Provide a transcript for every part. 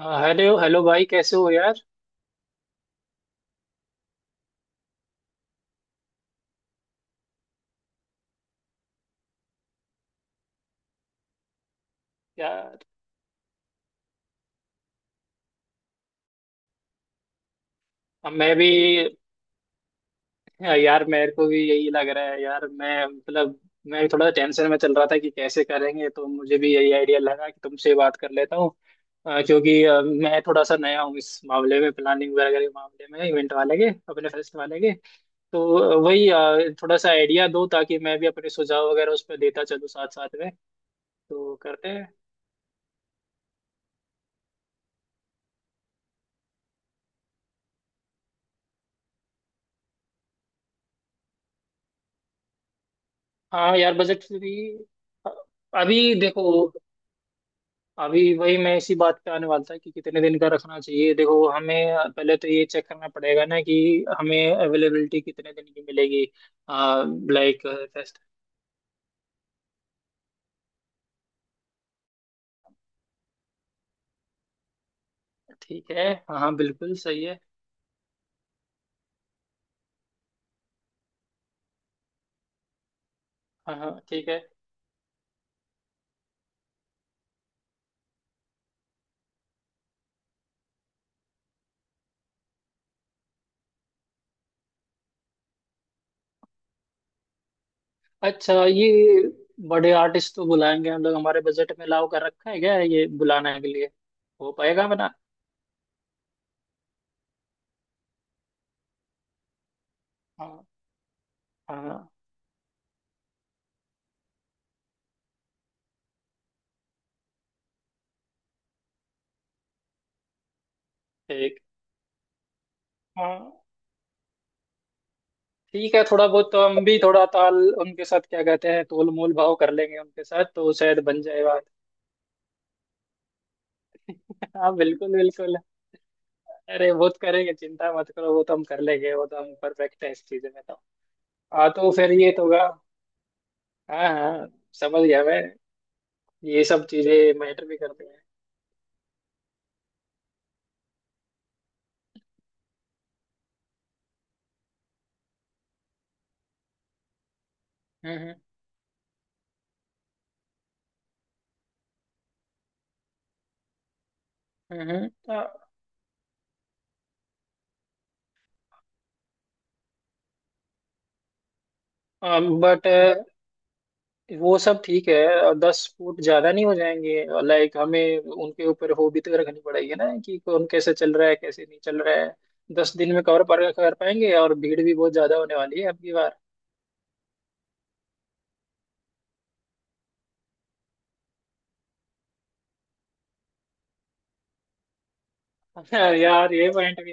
हाँ, hello hello भाई कैसे हो यार। यार अब मैं भी। यार मेरे को भी यही लग रहा है यार। मैं भी थोड़ा टेंशन में चल रहा था कि कैसे करेंगे, तो मुझे भी यही आइडिया लगा कि तुमसे बात कर लेता हूँ। क्योंकि मैं थोड़ा सा नया हूँ इस मामले में, प्लानिंग वगैरह के मामले में, इवेंट वाले के, अपने फेस्ट वाले के। तो वही थोड़ा सा आइडिया दो ताकि मैं भी अपने सुझाव वगैरह उस पर देता चलूँ साथ साथ में। तो करते हैं। हाँ यार, बजट फ्री। अभी देखो, अभी वही मैं इसी बात पे आने वाला था कि कितने दिन का रखना चाहिए। देखो, हमें पहले तो ये चेक करना पड़ेगा ना कि हमें अवेलेबिलिटी कितने दिन की मिलेगी। Like fest. ठीक है, हाँ हाँ बिल्कुल सही है। हाँ हाँ ठीक है। अच्छा ये बड़े आर्टिस्ट तो बुलाएंगे हम लोग, हमारे बजट में लाओ कर रखा है क्या ये बुलाने के लिए? हो पाएगा बना? हाँ हाँ हाँ, ठीक। हाँ ठीक है, थोड़ा बहुत तो हम भी थोड़ा ताल, उनके साथ क्या कहते हैं, तोल मोल भाव कर लेंगे उनके साथ तो शायद बन जाएगा। हाँ बिल्कुल बिल्कुल। अरे वो तो करेंगे, चिंता मत करो, वो तो हम कर लेंगे, वो तो हम परफेक्ट है इस चीज़ में तो। हाँ तो फिर ये तो होगा। हाँ हाँ, समझ गया मैं। ये सब चीज़ें मैटर भी करती हैं। हम्म हम्म। बट वो सब ठीक है। और 10 फुट ज़्यादा नहीं हो जाएंगे? लाइक हमें उनके ऊपर हो भी तो रखनी पड़ेगी ना कि कौन कैसे चल रहा है, कैसे नहीं चल रहा है। 10 दिन में कवर पर कर पाएंगे? और भीड़ भी बहुत ज़्यादा होने वाली है अब की बार। यार ये पॉइंट भी।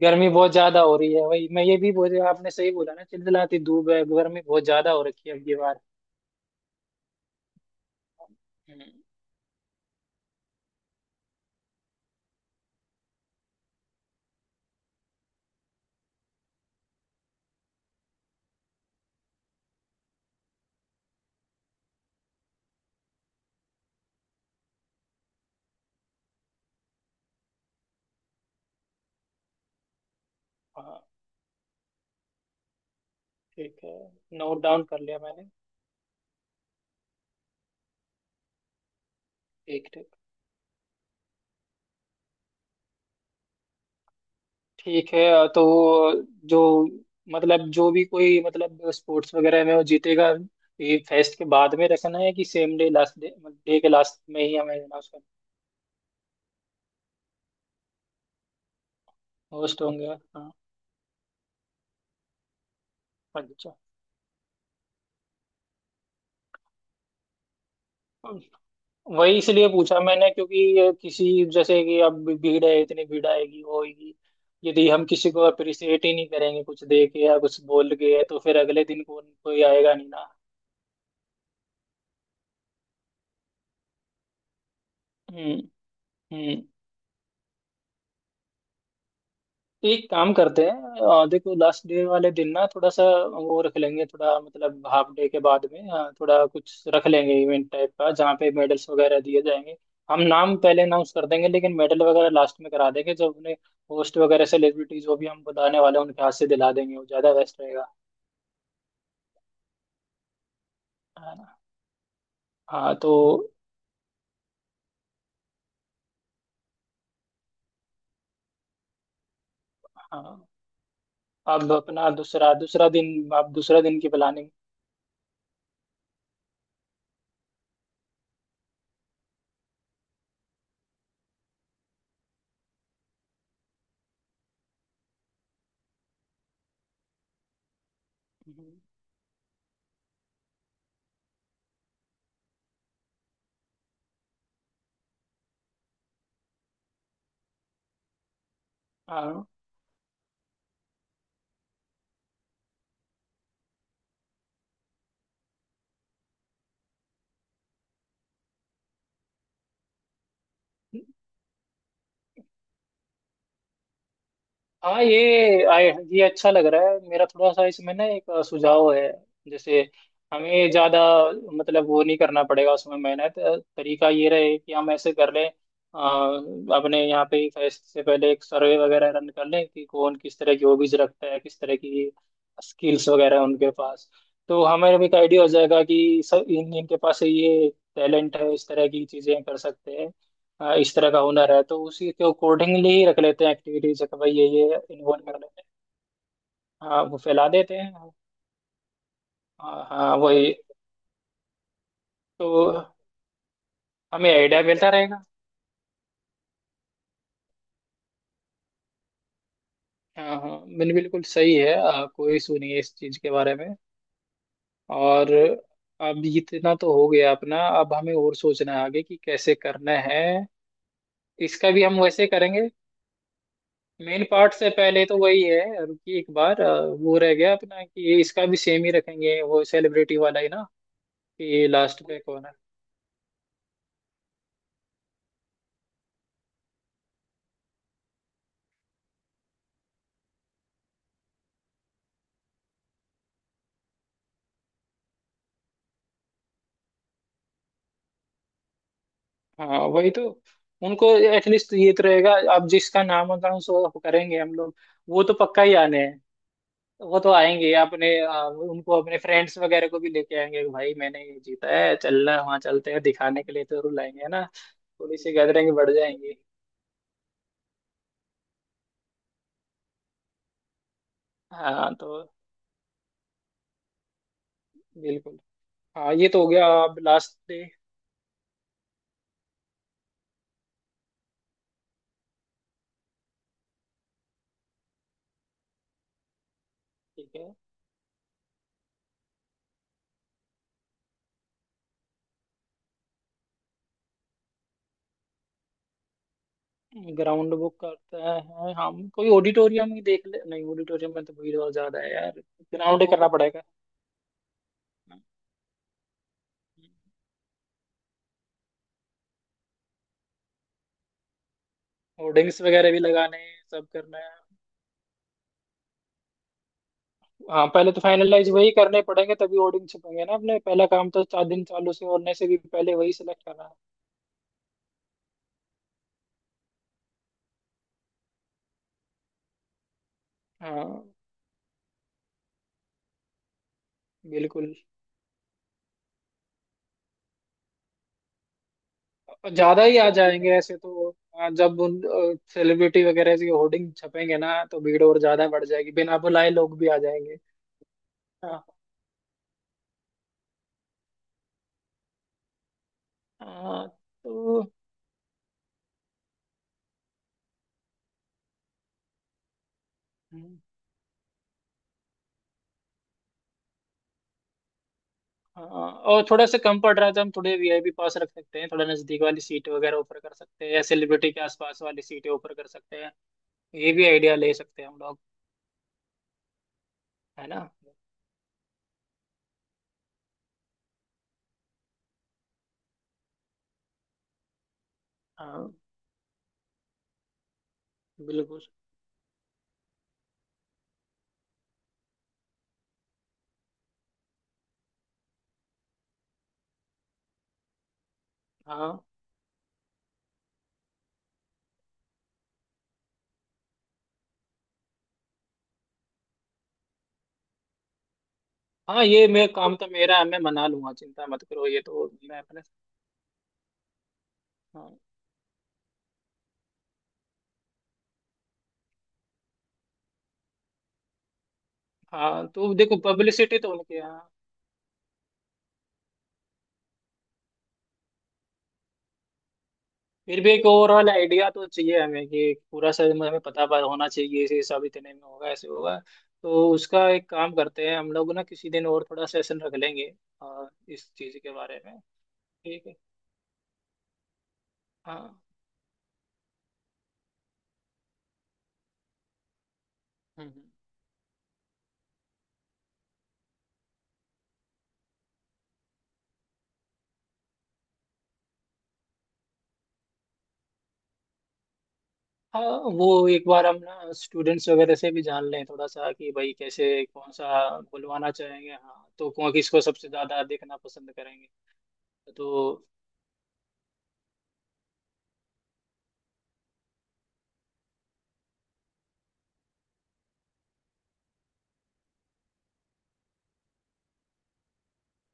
गर्मी बहुत ज्यादा हो रही है, वही मैं ये भी बोल, आपने सही बोला ना, चिलचिलाती धूप है, गर्मी बहुत ज्यादा हो रखी है अब ये बार। हम्म, हाँ ठीक है, नोट डाउन कर लिया मैंने। ठीक ठीक। ठीक है तो जो, मतलब जो भी कोई, मतलब स्पोर्ट्स वगैरह में वो जीतेगा, ये फेस्ट के बाद में रखना है कि same day last day, day के लास्ट में ही हमें ना उसका होस्ट होंगे? हाँ अच्छा, वही इसलिए पूछा मैंने क्योंकि ये किसी, जैसे कि अब भीड़ है, इतनी भीड़ आएगी वो होगी, यदि हम किसी को अप्रिशिएट ही नहीं करेंगे कुछ दे के या कुछ बोल के, तो फिर अगले दिन कौन, कोई आएगा नहीं ना। हम्म हम्म। तो एक काम करते हैं, देखो लास्ट डे वाले दिन ना थोड़ा सा वो रख लेंगे, थोड़ा मतलब हाफ डे के बाद में थोड़ा कुछ रख लेंगे इवेंट टाइप का जहाँ पे मेडल्स वगैरह दिए जाएंगे। हम नाम पहले अनाउंस कर देंगे लेकिन मेडल वगैरह लास्ट में करा देंगे, जो अपने होस्ट वगैरह सेलिब्रिटीज जो भी हम बुलाने वाले हैं उनके हाथ से दिला देंगे, वो ज़्यादा बेस्ट रहेगा। है ना? हाँ तो हाँ, अब अपना दूसरा दूसरा दिन, आप दूसरा दिन की प्लानिंग। हाँ हाँ ये आए, ये अच्छा लग रहा है, मेरा थोड़ा सा इसमें ना एक सुझाव है। जैसे हमें ज़्यादा, मतलब वो नहीं करना पड़ेगा उसमें मेहनत, तरीका ये रहे कि हम ऐसे कर लें, अपने यहाँ पे फेस्ट से पहले एक सर्वे वगैरह रन कर लें कि कौन किस तरह की हॉबीज रखता है, किस तरह की स्किल्स वगैरह उनके पास। तो हमें भी एक आइडिया हो जाएगा कि सब इन इनके पास ये टैलेंट है, इस तरह की चीज़ें कर सकते हैं। आ, इस तरह का हुनर है तो उसी के अकॉर्डिंगली ही रख लेते हैं एक्टिविटीज कि भाई ये इन्वॉल्व कर लेते हैं। हाँ वो फैला देते हैं। हाँ हाँ वही तो, हमें आइडिया मिलता रहेगा। हाँ हाँ, मैंने बिल्कुल सही है, आ, कोई इशू नहीं है इस चीज के बारे में। और अब इतना तो हो गया अपना, अब हमें और सोचना है आगे कि कैसे करना है। इसका भी हम वैसे करेंगे, मेन पार्ट से पहले तो वही है कि एक बार आ, वो रह गया अपना कि इसका भी सेम ही रखेंगे, वो सेलिब्रिटी वाला ही ना, कि लास्ट में कौन है। हाँ वही तो, उनको एटलीस्ट ये तो रहेगा। अब जिसका नाम होता सो करेंगे हम लोग, वो तो पक्का ही आने हैं। वो तो आएंगे, अपने आ, उनको अपने फ्रेंड्स वगैरह को भी लेके आएंगे कि भाई मैंने ये जीता है, चलना, वहाँ चलते हैं दिखाने के लिए, तो रुलाएंगे, है ना? थोड़ी सी गैदरिंग बढ़ जाएंगी। हाँ तो बिल्कुल। हाँ ये तो हो गया, अब लास्ट डे। ठीक है, ग्राउंड बुक करते हैं, हम कोई ऑडिटोरियम ही देख ले, नहीं ऑडिटोरियम में तो भीड़ और ज्यादा है यार, ग्राउंड ही करना पड़ेगा। होर्डिंग्स वगैरह भी लगाने हैं, सब करना है। हाँ पहले तो फाइनलाइज वही करने पड़ेंगे, तभी होर्डिंग छपेंगे ना अपने, पहला काम तो 4 दिन चालू से होने से भी पहले वही सिलेक्ट करना है। हाँ बिल्कुल। ज्यादा ही आ जाएंगे ऐसे तो। हाँ, जब उन सेलिब्रिटी वगैरह की होर्डिंग छपेंगे ना तो भीड़ और ज्यादा बढ़ जाएगी, बिना बुलाए लोग भी आ जाएंगे। हाँ। हाँ, तो हाँ और थोड़ा सा कम पड़ रहा है तो हम थोड़े वीआईपी पास रख सकते हैं, थोड़ा नजदीक वाली सीट वगैरह ऑफर कर सकते हैं, या सेलिब्रिटी के आसपास वाली सीटें ऑफर कर सकते हैं। ये भी आइडिया ले सकते हैं हम लोग, है ना? हाँ बिल्कुल। हाँ हाँ ये मैं, काम तो मेरा है, मैं मना लूंगा, चिंता मत करो, ये तो मैं अपने। हाँ हाँ, तो देखो पब्लिसिटी तो उनके यहाँ, फिर भी एक ओवरऑल आइडिया तो चाहिए हमें कि पूरा सब हमें पता पा- होना चाहिए ऐसे, सब इतने में होगा, ऐसे होगा। तो उसका एक काम करते हैं हम लोग ना, किसी दिन और थोड़ा सेशन रख लेंगे आ, इस चीज के बारे में। ठीक है। हाँ हम्म हम्म। हाँ वो एक बार हम ना स्टूडेंट्स वगैरह से भी जान लें थोड़ा सा कि भाई कैसे, कौन सा बुलवाना चाहेंगे, हाँ तो कौन किसको सबसे ज्यादा देखना पसंद करेंगे। तो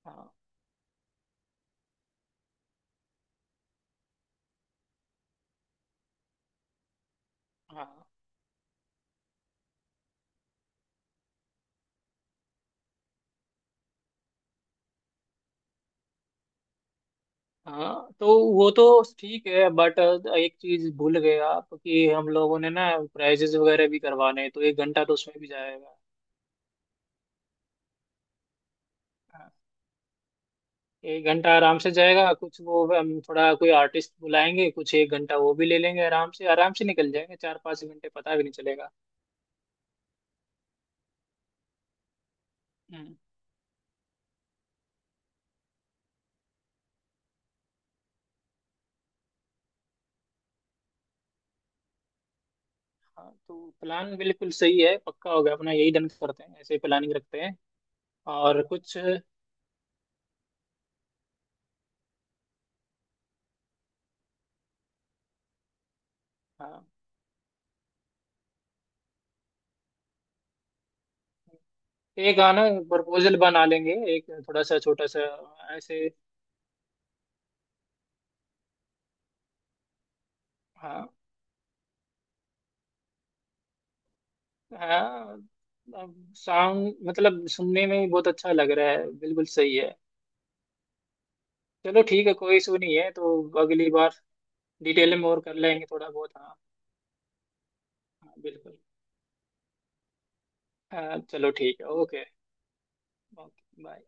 हाँ हाँ। हाँ तो वो तो ठीक है बट, एक चीज भूल गए आप कि हम लोगों ने ना प्राइजेस वगैरह भी करवाने हैं तो 1 घंटा तो उसमें भी जाएगा। हाँ, 1 घंटा आराम से जाएगा, कुछ वो हम थोड़ा कोई आर्टिस्ट बुलाएंगे, कुछ 1 घंटा वो भी ले लेंगे, आराम से निकल जाएंगे, 4-5 घंटे पता भी नहीं चलेगा। हम्म। हाँ तो प्लान बिल्कुल सही है, पक्का होगा अपना, यही डन करते हैं, ऐसे ही प्लानिंग रखते हैं। और कुछ। हाँ एक आना, प्रपोजल बना लेंगे एक, थोड़ा सा छोटा सा। ऐसे हाँ। हाँ साउंड, मतलब सुनने में ही बहुत अच्छा लग रहा है, बिल्कुल सही है। चलो ठीक है कोई इशू नहीं है, तो अगली बार डिटेल में और कर लेंगे थोड़ा बहुत हाँ। हाँ, बिल्कुल। हाँ चलो ठीक है ओके। Okay bye.